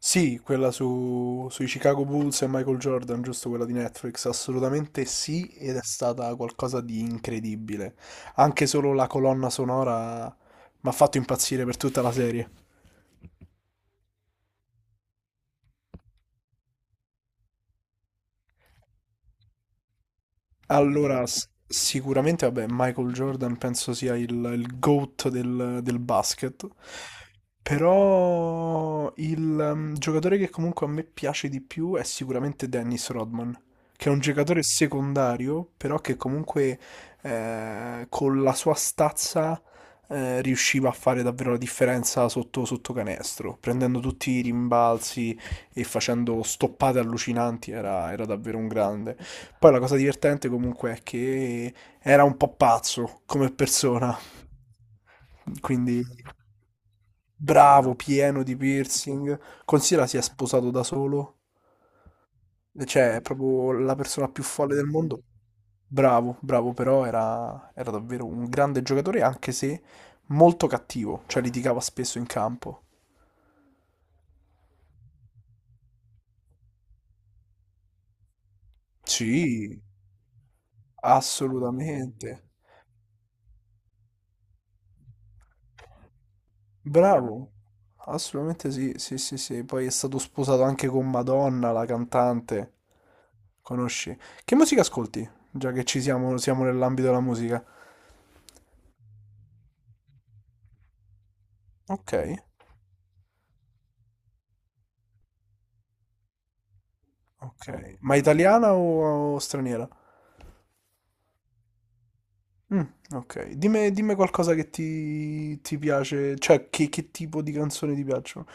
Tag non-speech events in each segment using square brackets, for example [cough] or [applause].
Sì, quella su, sui Chicago Bulls e Michael Jordan, giusto quella di Netflix, assolutamente sì, ed è stata qualcosa di incredibile. Anche solo la colonna sonora mi ha fatto impazzire per tutta la serie. Allora, sicuramente, vabbè, Michael Jordan penso sia il GOAT del basket, però il giocatore che comunque a me piace di più è sicuramente Dennis Rodman, che è un giocatore secondario, però che comunque con la sua stazza riusciva a fare davvero la differenza sotto canestro, prendendo tutti i rimbalzi e facendo stoppate allucinanti, era davvero un grande. Poi la cosa divertente comunque è che era un po' pazzo come persona, quindi bravo, pieno di piercing. Considera si è sposato da solo, cioè è proprio la persona più folle del mondo. Bravo, bravo, però era davvero un grande giocatore, anche se molto cattivo, cioè litigava spesso in campo. Sì, assolutamente. Bravo, assolutamente sì, sì, sì, sì. Poi è stato sposato anche con Madonna, la cantante. Conosci? Che musica ascolti? Già che ci siamo, siamo nell'ambito della musica. Ok, ok. Ma italiana o straniera? Mm, ok. Dimmi, dimmi qualcosa che ti piace, cioè che tipo di canzoni ti piacciono?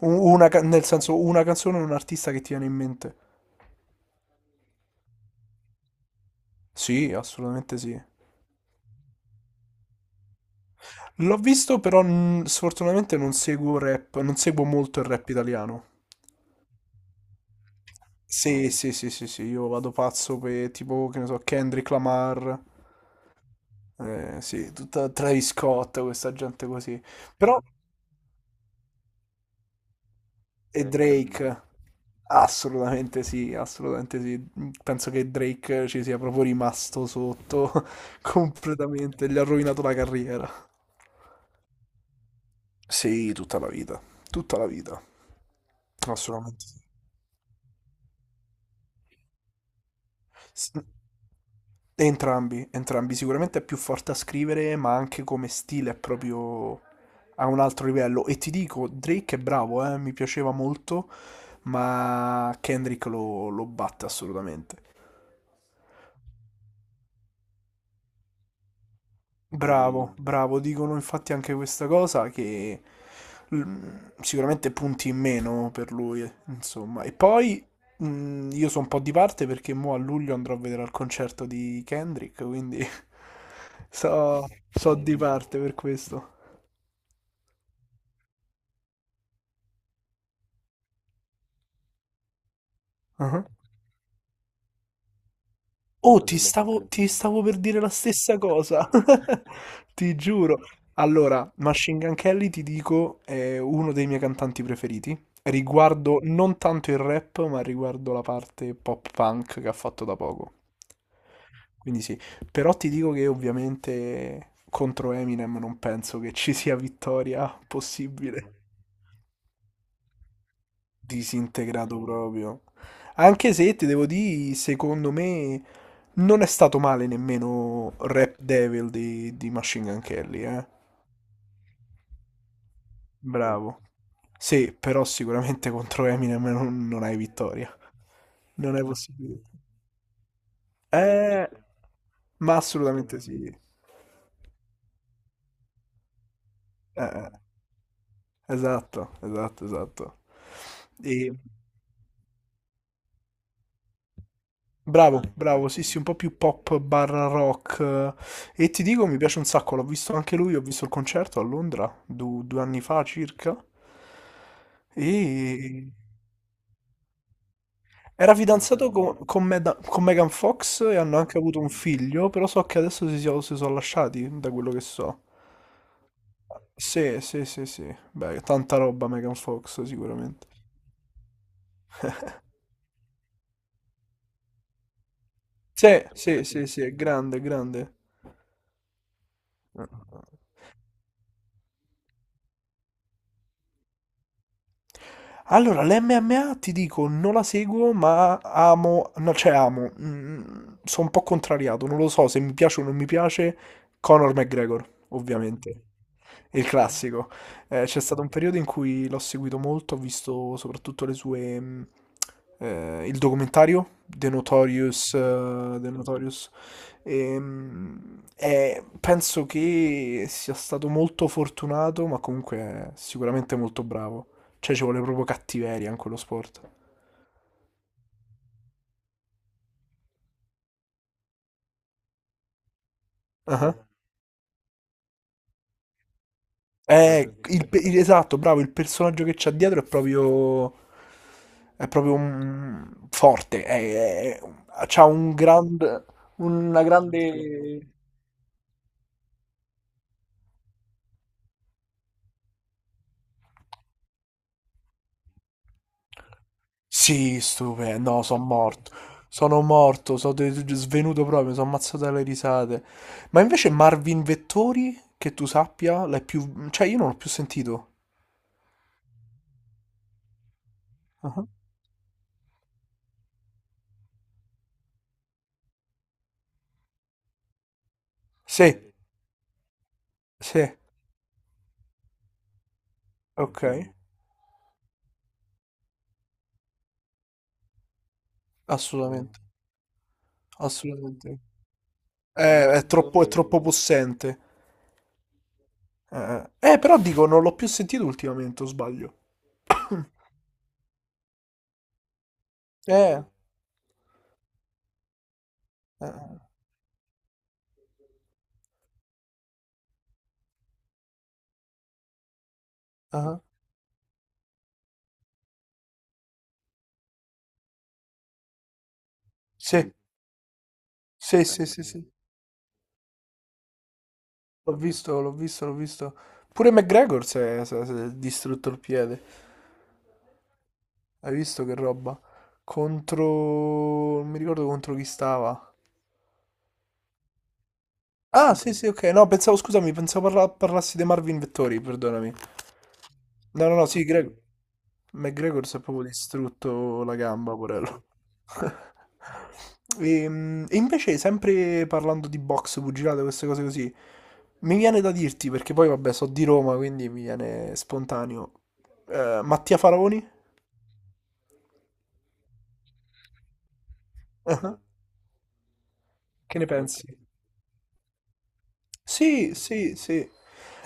Una, nel senso, una canzone o un artista che ti viene in mente? Sì, assolutamente sì. L'ho visto, però mm, sfortunatamente non seguo rap, non seguo molto il rap italiano. Sì, sì, sì, sì, sì, io vado pazzo per tipo, che ne so, Kendrick Lamar, sì, tutta Travis Scott, questa gente così. Però, e ho capito. Drake, assolutamente sì, assolutamente sì. Penso che Drake ci sia proprio rimasto sotto [laughs] completamente, gli ha rovinato la carriera. Sì, tutta la vita, assolutamente sì. Entrambi, entrambi. Sicuramente è più forte a scrivere, ma anche come stile è proprio a un altro livello. E ti dico, Drake è bravo, mi piaceva molto, ma Kendrick lo batte assolutamente. Bravo, bravo, dicono infatti anche questa cosa che mm, sicuramente punti in meno per lui, insomma. E poi mm, io sono un po' di parte perché mo a luglio andrò a vedere al concerto di Kendrick, quindi [laughs] so, so di parte per questo. Ah. Oh, ti così lo stavo, faremo. Ti stavo per dire la stessa cosa, [laughs] ti giuro. Allora, Machine Gun Kelly, ti dico, è uno dei miei cantanti preferiti, riguardo non tanto il rap, ma riguardo la parte pop punk che ha fatto da poco. Quindi sì, però ti dico che ovviamente contro Eminem non penso che ci sia vittoria possibile. Disintegrato proprio. Anche se ti devo dire, secondo me non è stato male nemmeno Rap Devil di Machine Gun Kelly, eh. Bravo. Sì, però sicuramente contro Eminem non, non hai vittoria. Non è possibile. Eh, ma assolutamente sì. Eh. Esatto, esatto, esatto. E bravo, anche, bravo, sì, sì, un po' più pop barra rock. E ti dico, mi piace un sacco, l'ho visto anche lui, ho visto il concerto a Londra due anni fa circa. E era non fidanzato sapevo, con, con Megan Fox e hanno anche avuto un figlio, però so che adesso si sono lasciati, da quello che so. Sì, sì, sì, sì. Beh, tanta roba Megan Fox, sicuramente. Sì, sì, sì, sì, è grande, è grande. Allora, l'MMA ti dico, non la seguo, ma amo, no, cioè amo, mm, sono un po' contrariato, non lo so se mi piace o non mi piace Conor McGregor, ovviamente, il classico. C'è stato un periodo in cui l'ho seguito molto, ho visto soprattutto le sue, il documentario, The Notorious, The Notorious. E penso che sia stato molto fortunato, ma comunque è sicuramente molto bravo. Cioè, ci vuole proprio cattiveria in quello sport. Ah. Eh, esatto, bravo, il personaggio che c'ha dietro è proprio... È proprio forte. C'ha un grande... Una grande... Sì, stupendo. No, sono morto. Sono morto, svenuto proprio, sono ammazzato dalle risate. Ma invece Marvin Vettori, che tu sappia, l'hai più... Cioè, io non l'ho più sentito. Ah. Sì, sì, ok, assolutamente. Assolutamente. È troppo Poi... possente. Eh. Però dico, non l'ho più sentito ultimamente, o sbaglio. Eh, eh, ah. Sì, sì, eh, sì, sì, sì, sì. L'ho visto, l'ho visto, l'ho visto. Pure McGregor si è distrutto il piede. Hai visto che roba? Contro... Non mi ricordo contro chi stava. Ah, sì, sì, ok. No, pensavo, scusami, pensavo parlassi dei Marvin Vettori, perdonami. No, no, no, sì, Greg... McGregor si è proprio distrutto la gamba, porello. [laughs] E, invece, sempre parlando di box, pugilate, queste cose così, mi viene da dirti, perché poi vabbè, so di Roma, quindi mi viene spontaneo. Mattia Faraoni? [laughs] Ah, che ne pensi? Sì, sì, sì.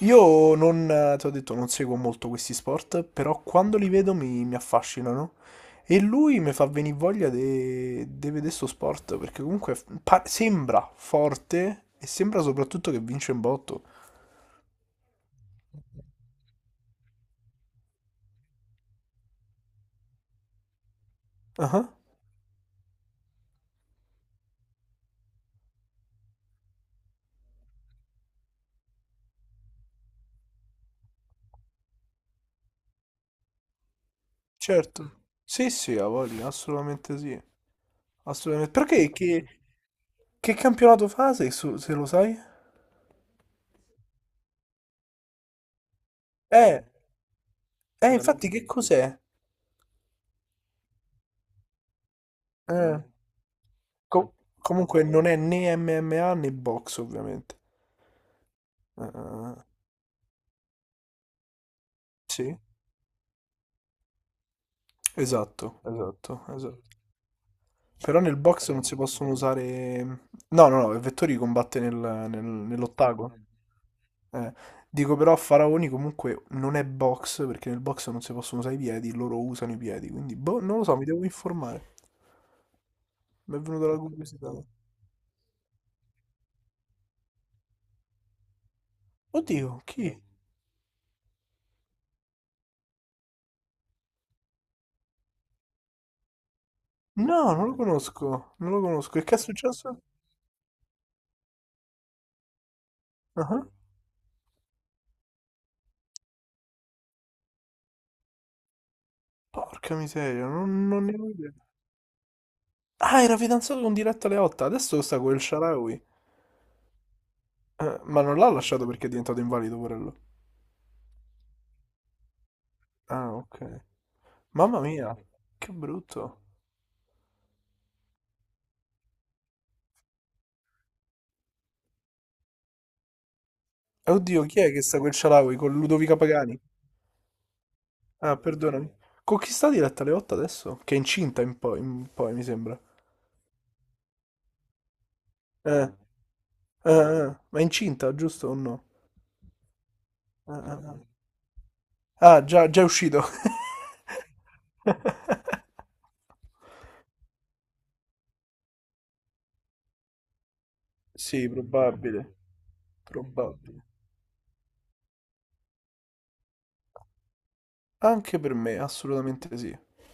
Io non, ti ho detto, non seguo molto questi sport, però quando li vedo mi affascinano. E lui mi fa venire voglia di vedere sto sport, perché comunque sembra forte e sembra soprattutto che vince in botto. Ah, certo. Sì, sì, ha voglia, assolutamente sì. Assolutamente. Perché che campionato fa, se, se lo sai? Eh, infatti che cos'è? Eh, co- comunque non è né MMA né box, ovviamente. Eh, sì. Esatto, esatto, esatto. Però nel box non si possono usare... No, no, no, Vettori combatte nell'ottagono. Eh, Dico però Faraoni comunque non è box, perché nel box non si possono usare i piedi, loro usano i piedi, quindi boh, non lo so, mi devo informare. Mi è venuta la curiosità. Oddio, chi? No, non lo conosco, non lo conosco. E che è successo? Ah, porca miseria, non, non ne avevo idea. Ah, era fidanzato con Diretta Leotta, adesso sta con il Sharawi. Ma non l'ha lasciato perché è diventato invalido, quello. Ah, ok. Mamma mia, che brutto. Oddio, chi è che sta quel Cialawi con Ludovica Pagani? Ah, perdonami. Con chi sta diretta alle 8 adesso? Che è incinta in poi, mi sembra. Eh, ma è incinta, giusto o no? Ah, ah, ah. Ah, già, già è uscito. [laughs] Sì, probabile, probabile. Anche per me, assolutamente sì.